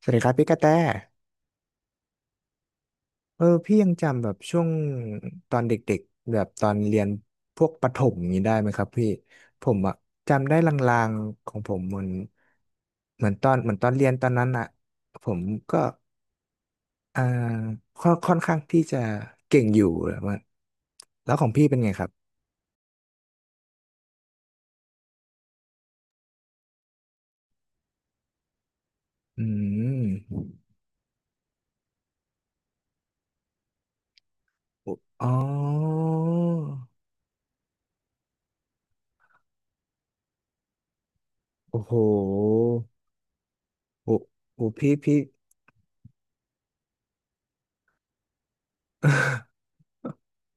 สวัสดีครับพี่กระแตพี่ยังจำแบบช่วงตอนเด็กๆแบบตอนเรียนพวกประถมอย่างนี้ได้ไหมครับพี่ผมอะจำได้ลางๆของผมเหมือนเหมือนตอนเรียนตอนนั้นอะผมก็อ่าค่อนข้างที่จะเก่งอยู่แล้วาแล้วของพี่เป็นไงครับอืมโออ๋อโอ้โหโอ้โหพี่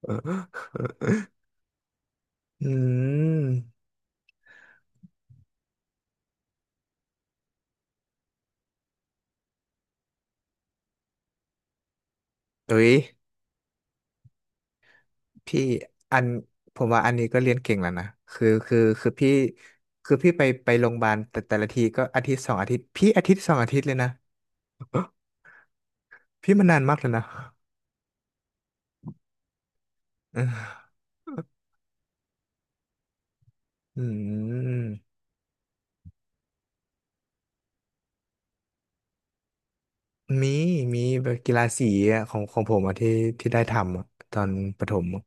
อืมเอ้ย พี่อันผมว่าอันนี้ก็เรียนเก่งแล้วนะคือพี่คือพี่ไปโรงพยาบาลแต่ละทีก็อาทิตย์สองอาทิตย์พี่อาทิตย์สองอาทิตย์เลยนะ พี่มันนานมากเลยนะเอออืมมีมีแบบกีฬาสีอะของผมอะที่ได้ทำอะตอนประถมอะ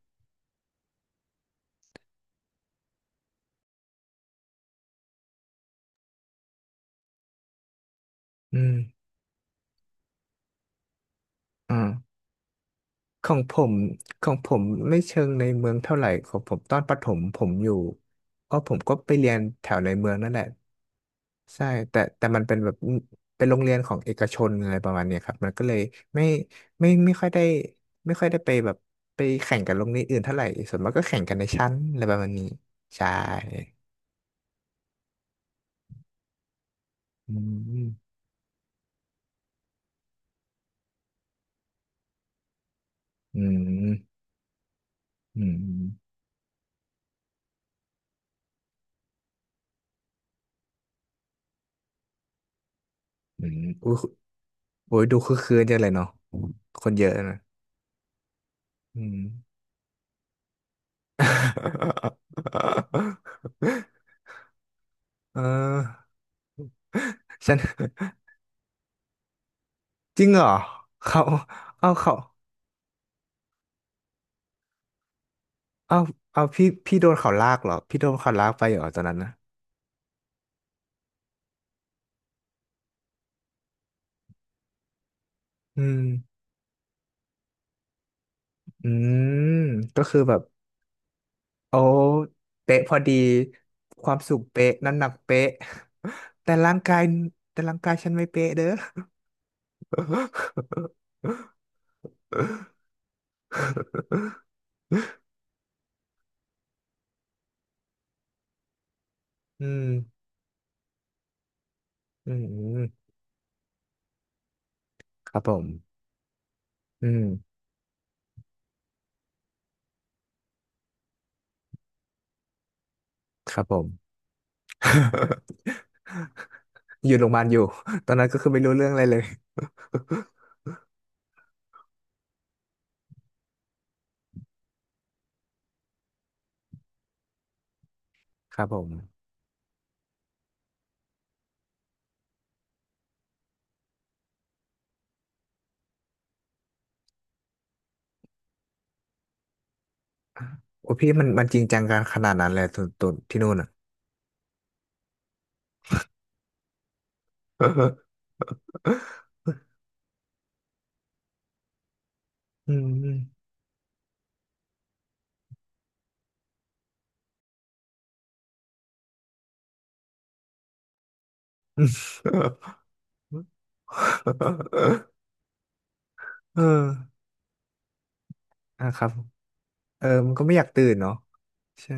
อืม ของผมของผมไม่เชิงในเมืองเท่าไหร่ของผมตอนประถมผมอยู่ผมก็ไปเรียนแถวในเมืองนั่นแหละใช่แต่มันเป็นแบบเป็นโรงเรียนของเอกชนอะไรประมาณเนี้ยครับมันก็เลยไม่ไม่ไม่ค่อยได้ไม่ค่อยได้ไปแบบไปแข่งกับโรงเรียนอื่นเท่าไหร่ส่วนมากก็แข่งกันในชั้นอะไรประมาณนี้ใช่อืมอืมอืมอืมอุ้ยโอ้ยดูคือคืนจังเลยเนาะคนเยอะนะอืม เออฉันจริงเหรอเขาเอาเขาเอาเอาพี่โดนเขาลากเหรอพี่โดนเขาลากไปเหรอตอนนั้นนะอืมอืมก็คือแบบโอ้เป๊ะพอดีความสูงเป๊ะน้ำหนักเป๊ะแต่ร่างกายแต่ร่างกายฉันไม่เป๊ะเด้อ อืมอืมครับผมอืมครับผม อยู่โรงพยาบาลอยู่ ตอนนั้นก็คือไม่รู้เรื่องอะไรเลย ครับผมโอ้พี่มันจริงจังกันขนาดนั้นเลยตัวที่นู่นอ่ะ อืม อืม เอออ่ะครับเออมันก็ไม่อยากตื่นเนาะใช่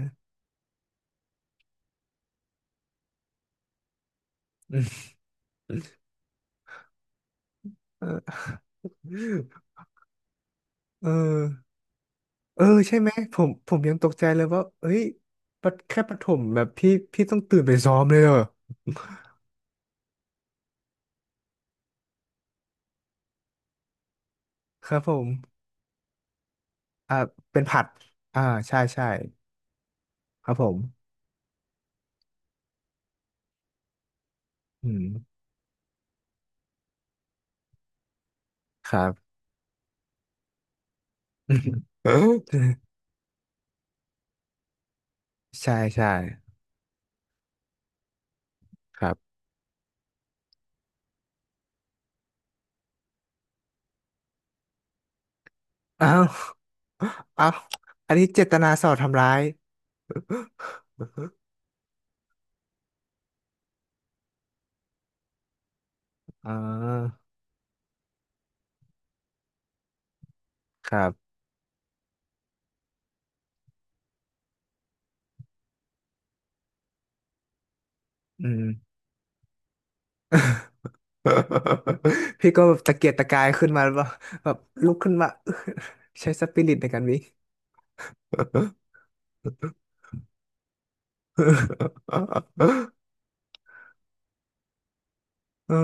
อืมเออเออเออใช่ไหมผมยังตกใจเลยว่าเฮ้ยปะแค่ประถมแบบพี่ต้องตื่นไปซ้อมเลยเหรอครับผมอ่าเป็นผัดอ่าใช่ใช่ครับผมอืมครับ ใช่ใช่ครับอ้าวอ้าวอันนี้เจตนาสอดทำร้ายอ่าครับอืม พี่ก็แบบตะเกียกตะกายขึ้นมาแบบลุกขึ้นมา ใช้สปิริตในการวิ่ง เออ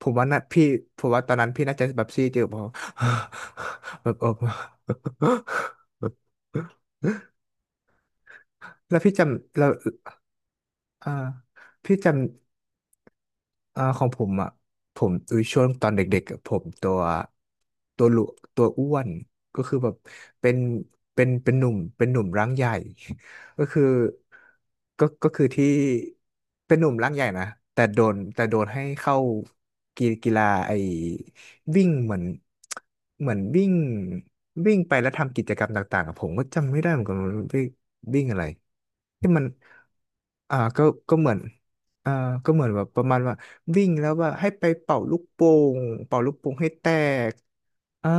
ผมว่าน่ะพี่ผมว่าตอนนั้นพี่น่าจะแบบซีดอยู่พอ แบบเออ แล้วพี่จำแล้วอ่าพี่จำ อ่าของผมอ่ะผมอุยช่วงตอนเด็กๆอะผมตัวหลุตัวอ้วนก็คือแบบเป็นเป็นหนุ่มร่างใหญ่ ก็คือก็คือที่เป็นหนุ่มร่างใหญ่นะแต่โดนให้เข้ากีฬาไอ้วิ่งเหมือนเหมือนวิ่งวิ่งไปแล้วทำกิจกรรมต่างๆอะผมก็จำไม่ได้เหมือนกันว่าวิ่งวิ่งอะไรที่มันอ่าก็เหมือนอ่าก็เหมือนแบบประมาณว่า วิ่งแล้วแบบให้ไปงเป่าลูกโป่งให้แตกอ่า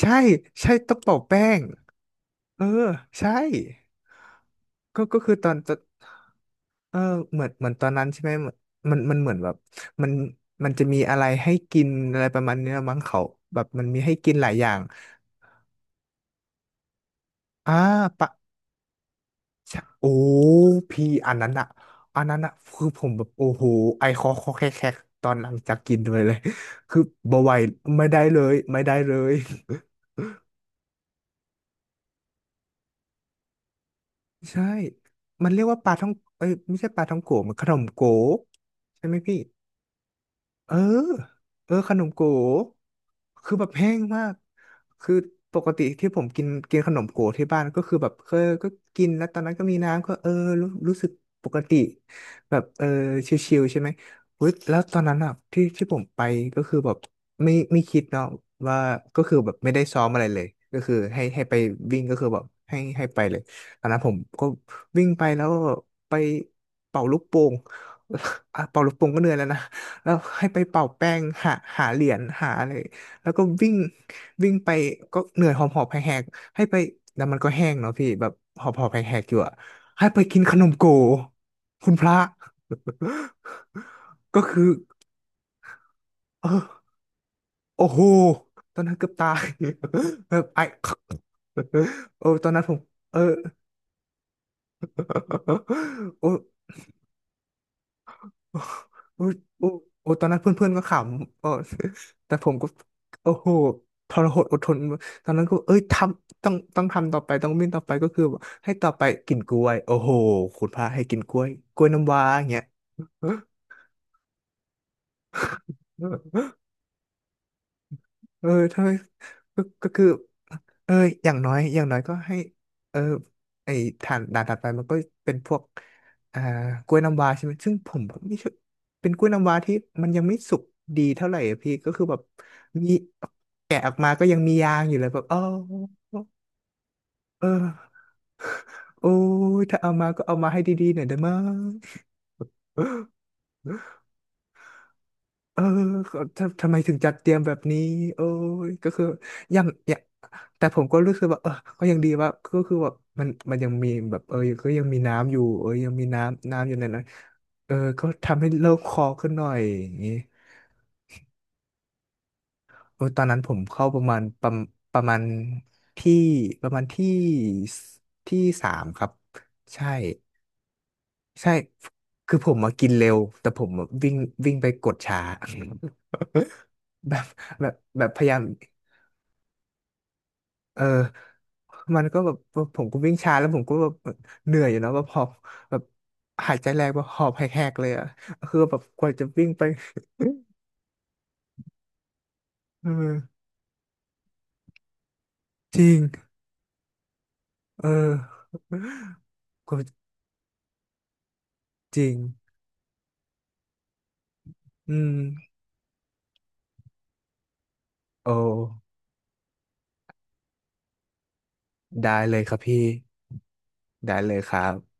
ใช่ใช่ต้องเป่าแป้งเออใช่ก็คือตอนเออเหมือนตอนนั้นใช่ไหมเหมือนมันเหมือนแบบมันมันจะมีอะไรให้กินอะไรประมาณเนี้ยมั้งเขาแบบมันมีให้กินหลายอย่างอ่าปะ ใช่โอ้พี่อันนั้นอะคือผมแบบโอ้โหไอคอคอแคกแคกตอนหลังจากกินไปเลย คือบ่ไหวไม่ได้เลย ใช่มันเรียกว่าปลาท่องเอ้ยไม่ใช่ปลาท่องโกะมันขนมโกะใช่ไหมพี่ เออ เออขนมโก๋คือแบบแห้งมากคือปกติที่ผมกินกินขนมโก๋ที่บ้านก็คือแบบเคยก็กินแล้วตอนนั้นก็มีน้ำก็เออรู้สึกปกติแบบเออชิลๆใช่ไหมเฮ้ยแล้วตอนนั้นอ่ะที่ผมไปก็คือแบบไม่คิดเนาะว่าก็คือแบบไม่ได้ซ้อมอะไรเลยก็คือให้ไปวิ่งก็คือแบบให้ไปเลยตอนนั้นผมก็วิ่งไปแล้วไปเป่าลูกโป่ง อ่ะเป่าลูกโป่งก็เหนื่อยแล้วนะ แล้วให้ไปเป่าแป้งหาเหรียญหาอะไรแล้วก็วิ่งวิ่งไปก็เหนื่อยหอบหอบแหกๆให้ไปแล้วมันก็แห้งเนาะพี่แบบหอบหอบแหกๆอยู่อะให้ไปกินขนมโกคุณพระ ก็คือเออโอ้โหตอนนั้นเกือบตาย แบบไอ โอตอนนั้นผมเออ โอ้ อุ้ยอุ้ยโอ้ตอนนั้นเพื่อนๆก็ขำก็ แต่ผมก็โอ้โหทรหดอดทนตอนนั้นก็เอ้ยต้องทำต่อไป ต้องวิ่งต่อไปก็คือให้ต่อไปกินกล้วย โอ้โหคุณพระให้กินกล้วยน้ำว้าอย่างเงี้ย เออเออทำไมก็คือ เอออย่างน้อยก็ให้เออไอ้ฐานด่านถัดไปมันก็เป็นพวกอ่ากล้วยน้ำว้าใช่ไหม ซึ่งผมแบบไม่ชอบเป็นกล้วยน้ำว้าที่มันยังไม่สุกดีเท่าไหร่อะพี่ ก็คือแบบมีแกะออกมาก็ยังมียางอยู่เลยแบบอ๋อเออโอ้ยถ้าเอามาก็เอามาให้ดีๆหน่อยได้มั้ย เออก็ทำไมถึงจัดเตรียมแบบนี้โอ้ยก็คือยังอย่างแต่ผมก็รู้สึกว่าเออก็ยังดีว่าก็คือว่ามันยังมีแบบเออก็ยังมีน้ำอยู่เออยังมีน้ำอยู่ในนั้นเออก็ทำให้โล่งคอขึ้นหน่อยอย่างนี้โอ้ยตอนนั้นผมเข้าประมาณที่ประมาณสที่สามครับ ใช่ ใช่ คือผมมากินเร็ว แต่ผมอะวิ่งวิ่งไปกดช้า แบบ แบบพยายามเออมันก็แบบผมก็วิ่งช้าแล้วผมก็แบบเหนื่อยอยู่เนอะแบบหอบแบบหายใจแรงแบบหอบแหกๆเลยอ่ะคือแบบกว่าจะวิ่งไป เออจริงเออก็จริงอืมโอ้ได้เลยครับพี่ได้เลยครับ